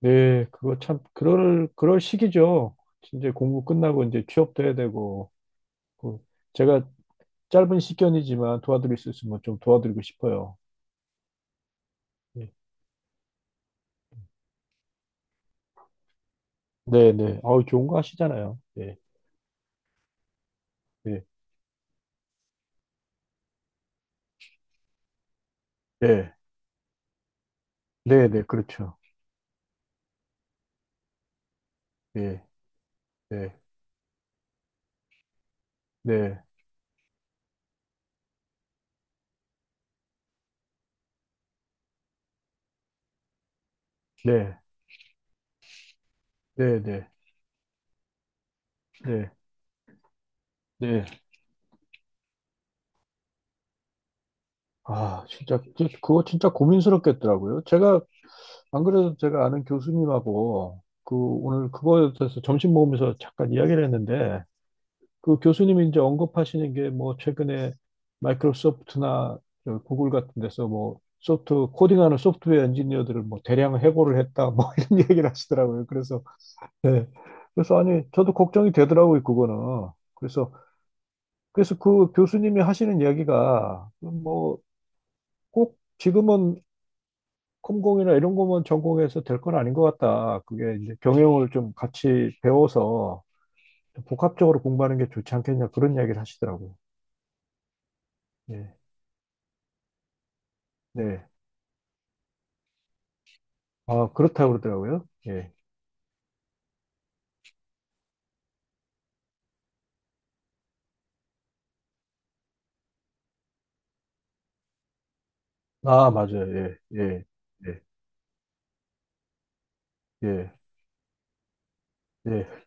네, 그거 참 그럴 시기죠. 이제 공부 끝나고 이제 취업도 해야 되고 그 제가 짧은 시견이지만 도와드릴 수 있으면 좀 도와드리고 싶어요. 예. 네, 네. 아우 좋은 거 하시잖아요. 예, 예, 예, 네, 네, 그렇죠. 예, 네, 네, 네, 네, 네, 네, 네. 아, 진짜 그거 진짜 고민스럽겠더라고요. 제가 안 그래도 제가 아는 교수님하고 그 오늘 그거에 대해서 점심 먹으면서 잠깐 이야기를 했는데, 그 교수님이 이제 언급하시는 게 뭐 최근에 마이크로소프트나 저 구글 같은 데서 뭐 소프트 코딩하는 소프트웨어 엔지니어들을 뭐 대량 해고를 했다 뭐 이런 얘기를 하시더라고요. 그래서 네. 그래서 아니 저도 걱정이 되더라고요 그거는. 그래서 그래서 그 교수님이 하시는 이야기가 뭐 꼭 지금은 컴공이나 이런 거만 전공해서 될 건 아닌 것 같다. 그게 이제 경영을 좀 같이 배워서 복합적으로 공부하는 게 좋지 않겠냐 그런 이야기를 하시더라고요. 네. 네. 아, 그렇다고 그러더라고요. 예. 아, 맞아요. 예, 예, 예, 예, 예.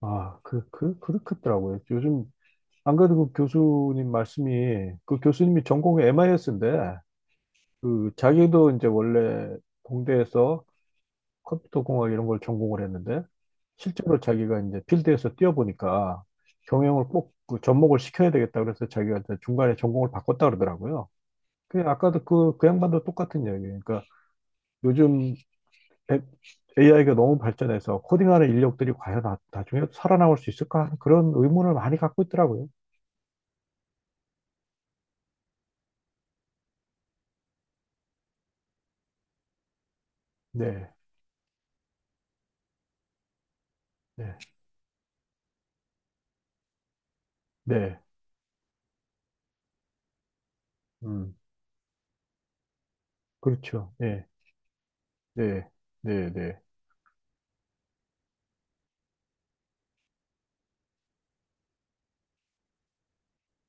아, 그렇겠더라고요. 요즘, 안 그래도 그 교수님 말씀이, 그 교수님이 전공이 MIS인데, 그, 자기도 이제 원래 공대에서 컴퓨터 공학 이런 걸 전공을 했는데, 실제로 자기가 이제 필드에서 뛰어보니까 경영을 꼭 그 접목을 시켜야 되겠다, 그래서 자기가 이제 중간에 전공을 바꿨다 그러더라고요. 그 아까도 그, 그 양반도 똑같은 이야기예요. 그러니까 요즘 AI가 너무 발전해서 코딩하는 인력들이 과연 나중에 살아남을 수 있을까 하는 그런 의문을 많이 갖고 있더라고요. 네, 네, 네, 음, 그렇죠. 네, 네, 네, 네,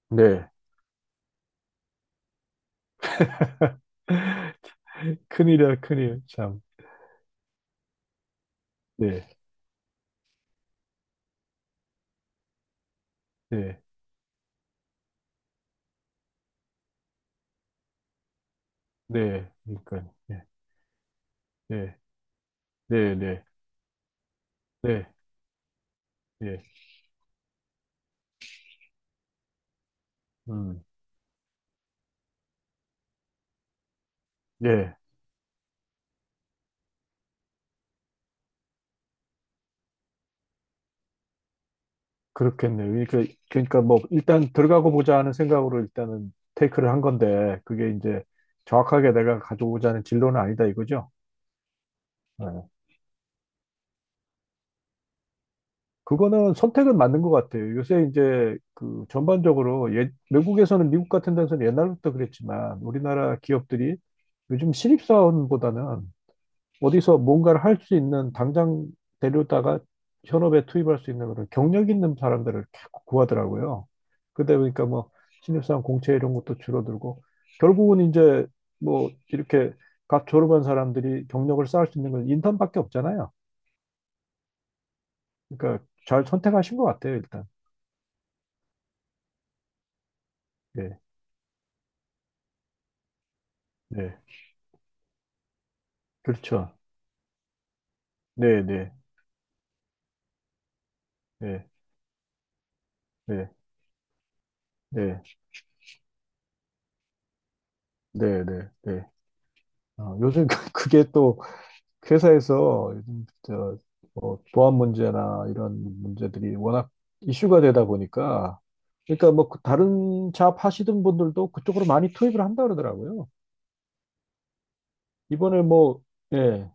네. 큰일이야, 큰일. 참. 네, 네, 네. 그러니까, 네, 네, 네, 네, 네, 네. 음, 네. 그렇겠네요. 그러니까, 그러니까 뭐, 일단 들어가고 보자 하는 생각으로 일단은 테이크를 한 건데, 그게 이제 정확하게 내가 가져오자는 진로는 아니다 이거죠? 네. 그거는 선택은 맞는 것 같아요. 요새 이제 그 전반적으로 예, 외국에서는 미국 같은 데서는 옛날부터 그랬지만 우리나라 기업들이 요즘 신입사원보다는 어디서 뭔가를 할 수 있는 당장 데려다가 현업에 투입할 수 있는 그런 경력 있는 사람들을 자꾸 구하더라고요. 그러다 보니까 뭐 신입사원 공채 이런 것도 줄어들고 결국은 이제 뭐 이렇게 각 졸업한 사람들이 경력을 쌓을 수 있는 건 인턴밖에 없잖아요. 그러니까 잘 선택하신 것 같아요, 일단. 예. 네, 그렇죠. 네, 네, 네, 네, 네, 네, 네, 네. 어, 요즘 그게 또 회사에서 요즘 저, 뭐 보안 문제나 이런 문제들이 워낙 이슈가 되다 보니까, 그러니까 뭐그 다른 잡 하시던 분들도 그쪽으로 많이 투입을 한다 그러더라고요. 이번에 뭐 예,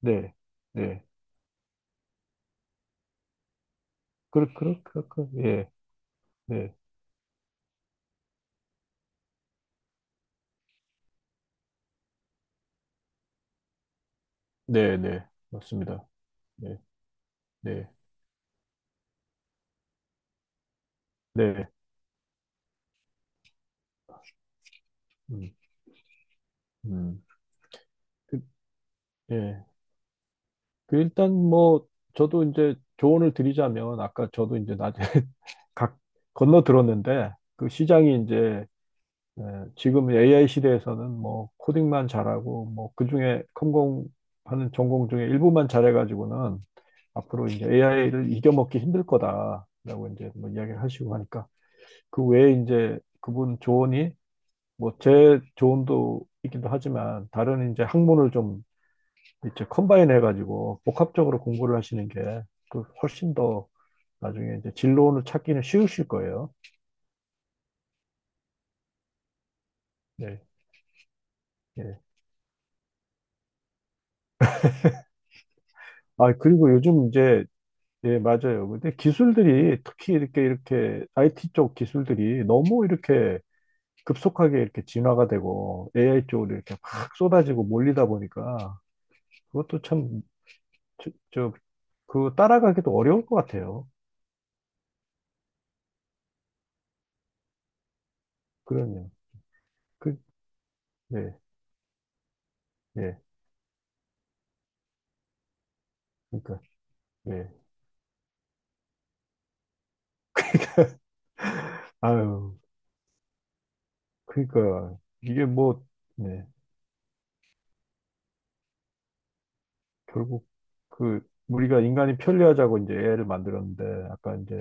네, 네, 예, 네, 네, 네, 맞습니다. 네, 네, 네, 음, 음, 그, 예. 그 일단 뭐 저도 이제 조언을 드리자면 아까 저도 이제 낮에 각 건너 들었는데, 그 시장이 이제 에, 지금 AI 시대에서는 뭐 코딩만 잘하고 뭐 그중에 컴공하는 전공 중에 일부만 잘해가지고는 앞으로 이제 AI를 이겨먹기 힘들 거다라고 이제 뭐 이야기를 하시고 하니까, 그 외에 이제 그분 조언이 뭐 제 조언도 있기도 하지만 다른 이제 학문을 좀 이제 컴바인 해가지고 복합적으로 공부를 하시는 게 그 훨씬 더 나중에 이제 진로를 찾기는 쉬우실 거예요. 네. 예. 아, 그리고 요즘 이제, 예, 맞아요. 근데 기술들이 특히 이렇게 IT 쪽 기술들이 너무 이렇게 급속하게 이렇게 진화가 되고 AI 쪽으로 이렇게 막 쏟아지고 몰리다 보니까 그것도 참, 저, 저, 그 따라가기도 어려울 것 같아요. 그럼요. 그, 네, 예. 그러니까, 예. 아유. 그러니까 이게 뭐 네, 결국 그 우리가 인간이 편리하자고 이제 AI를 만들었는데 아까 이제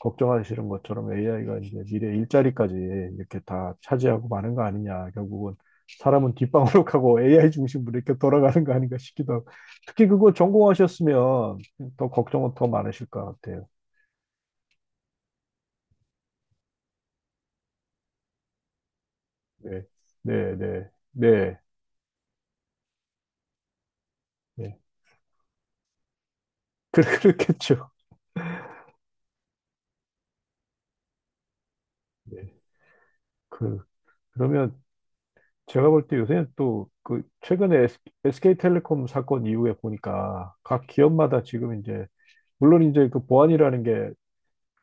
걱정하시는 것처럼 AI가 이제 미래 일자리까지 이렇게 다 차지하고 마는 거 아니냐. 결국은 사람은 뒷방으로 가고 AI 중심으로 이렇게 돌아가는 거 아닌가 싶기도 하고. 특히 그거 전공하셨으면 더 걱정은 더 많으실 것 같아요. 네, 네, 네, 네, 네. 그렇겠죠. 네. 그, 그러면 제가 볼 때 요새는 또 그 최근에 SK텔레콤 사건 이후에 보니까 각 기업마다 지금 이제 물론 이제 그 보안이라는 게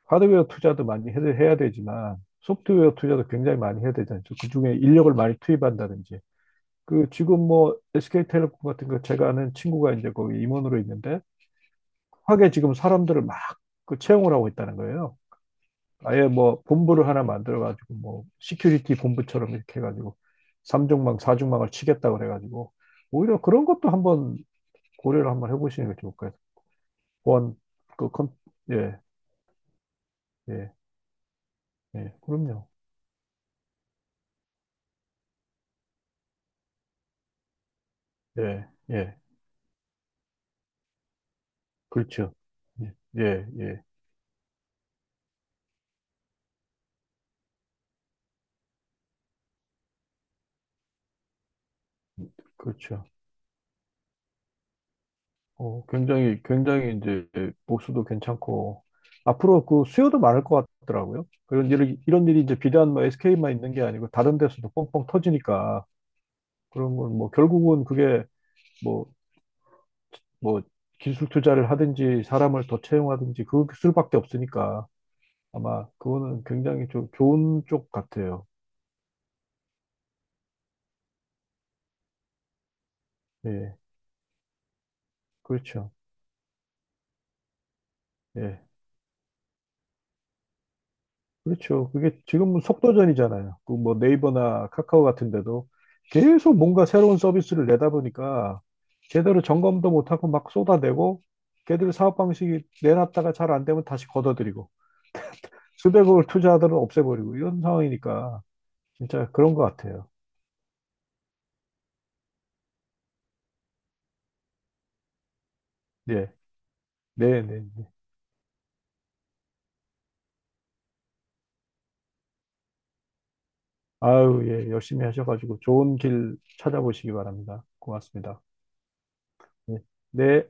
하드웨어 투자도 많이 해야 되지만 소프트웨어 투자도 굉장히 많이 해야 되잖아요. 그중에 인력을 많이 투입한다든지. 그 지금 뭐 SK텔레콤 같은 거 제가 아는 친구가 이제 거기 임원으로 있는데 확에 지금 사람들을 막 그 채용을 하고 있다는 거예요. 아예 뭐 본부를 하나 만들어가지고 뭐 시큐리티 본부처럼 이렇게 해가지고 삼중망사중망을 치겠다 그래가지고 오히려 그런 것도 한번 고려를 한번 해보시는 게 좋을 거예요. 보안 그 컴, 예, 예, 예, 그럼요. 예, 예, 그렇죠. 예, 예, 예, 그렇죠. 어, 굉장히 이제 보수도 괜찮고 앞으로 그 수요도 많을 것 같더라고요. 그런 일이 이런 일이 이제 비단 뭐 SK만 있는 게 아니고 다른 데서도 뻥뻥 터지니까 그런 건 뭐 결국은 그게 뭐, 뭐, 기술 투자를 하든지 사람을 더 채용하든지 그 수밖에 없으니까 아마 그거는 굉장히 좋은 쪽 같아요. 예, 그렇죠. 예, 그렇죠. 그게 지금은 속도전이잖아요. 그 뭐 네이버나 카카오 같은 데도 계속 뭔가 새로운 서비스를 내다 보니까 제대로 점검도 못하고 막 쏟아내고 걔들 사업 방식이 내놨다가 잘 안 되면 다시 걷어들이고 수백억을 투자하더라도 없애버리고 이런 상황이니까 진짜 그런 것 같아요. 예, 네, 네. 네. 아유, 예, 열심히 하셔가지고 좋은 길 찾아보시기 바랍니다. 고맙습니다. 네. 네.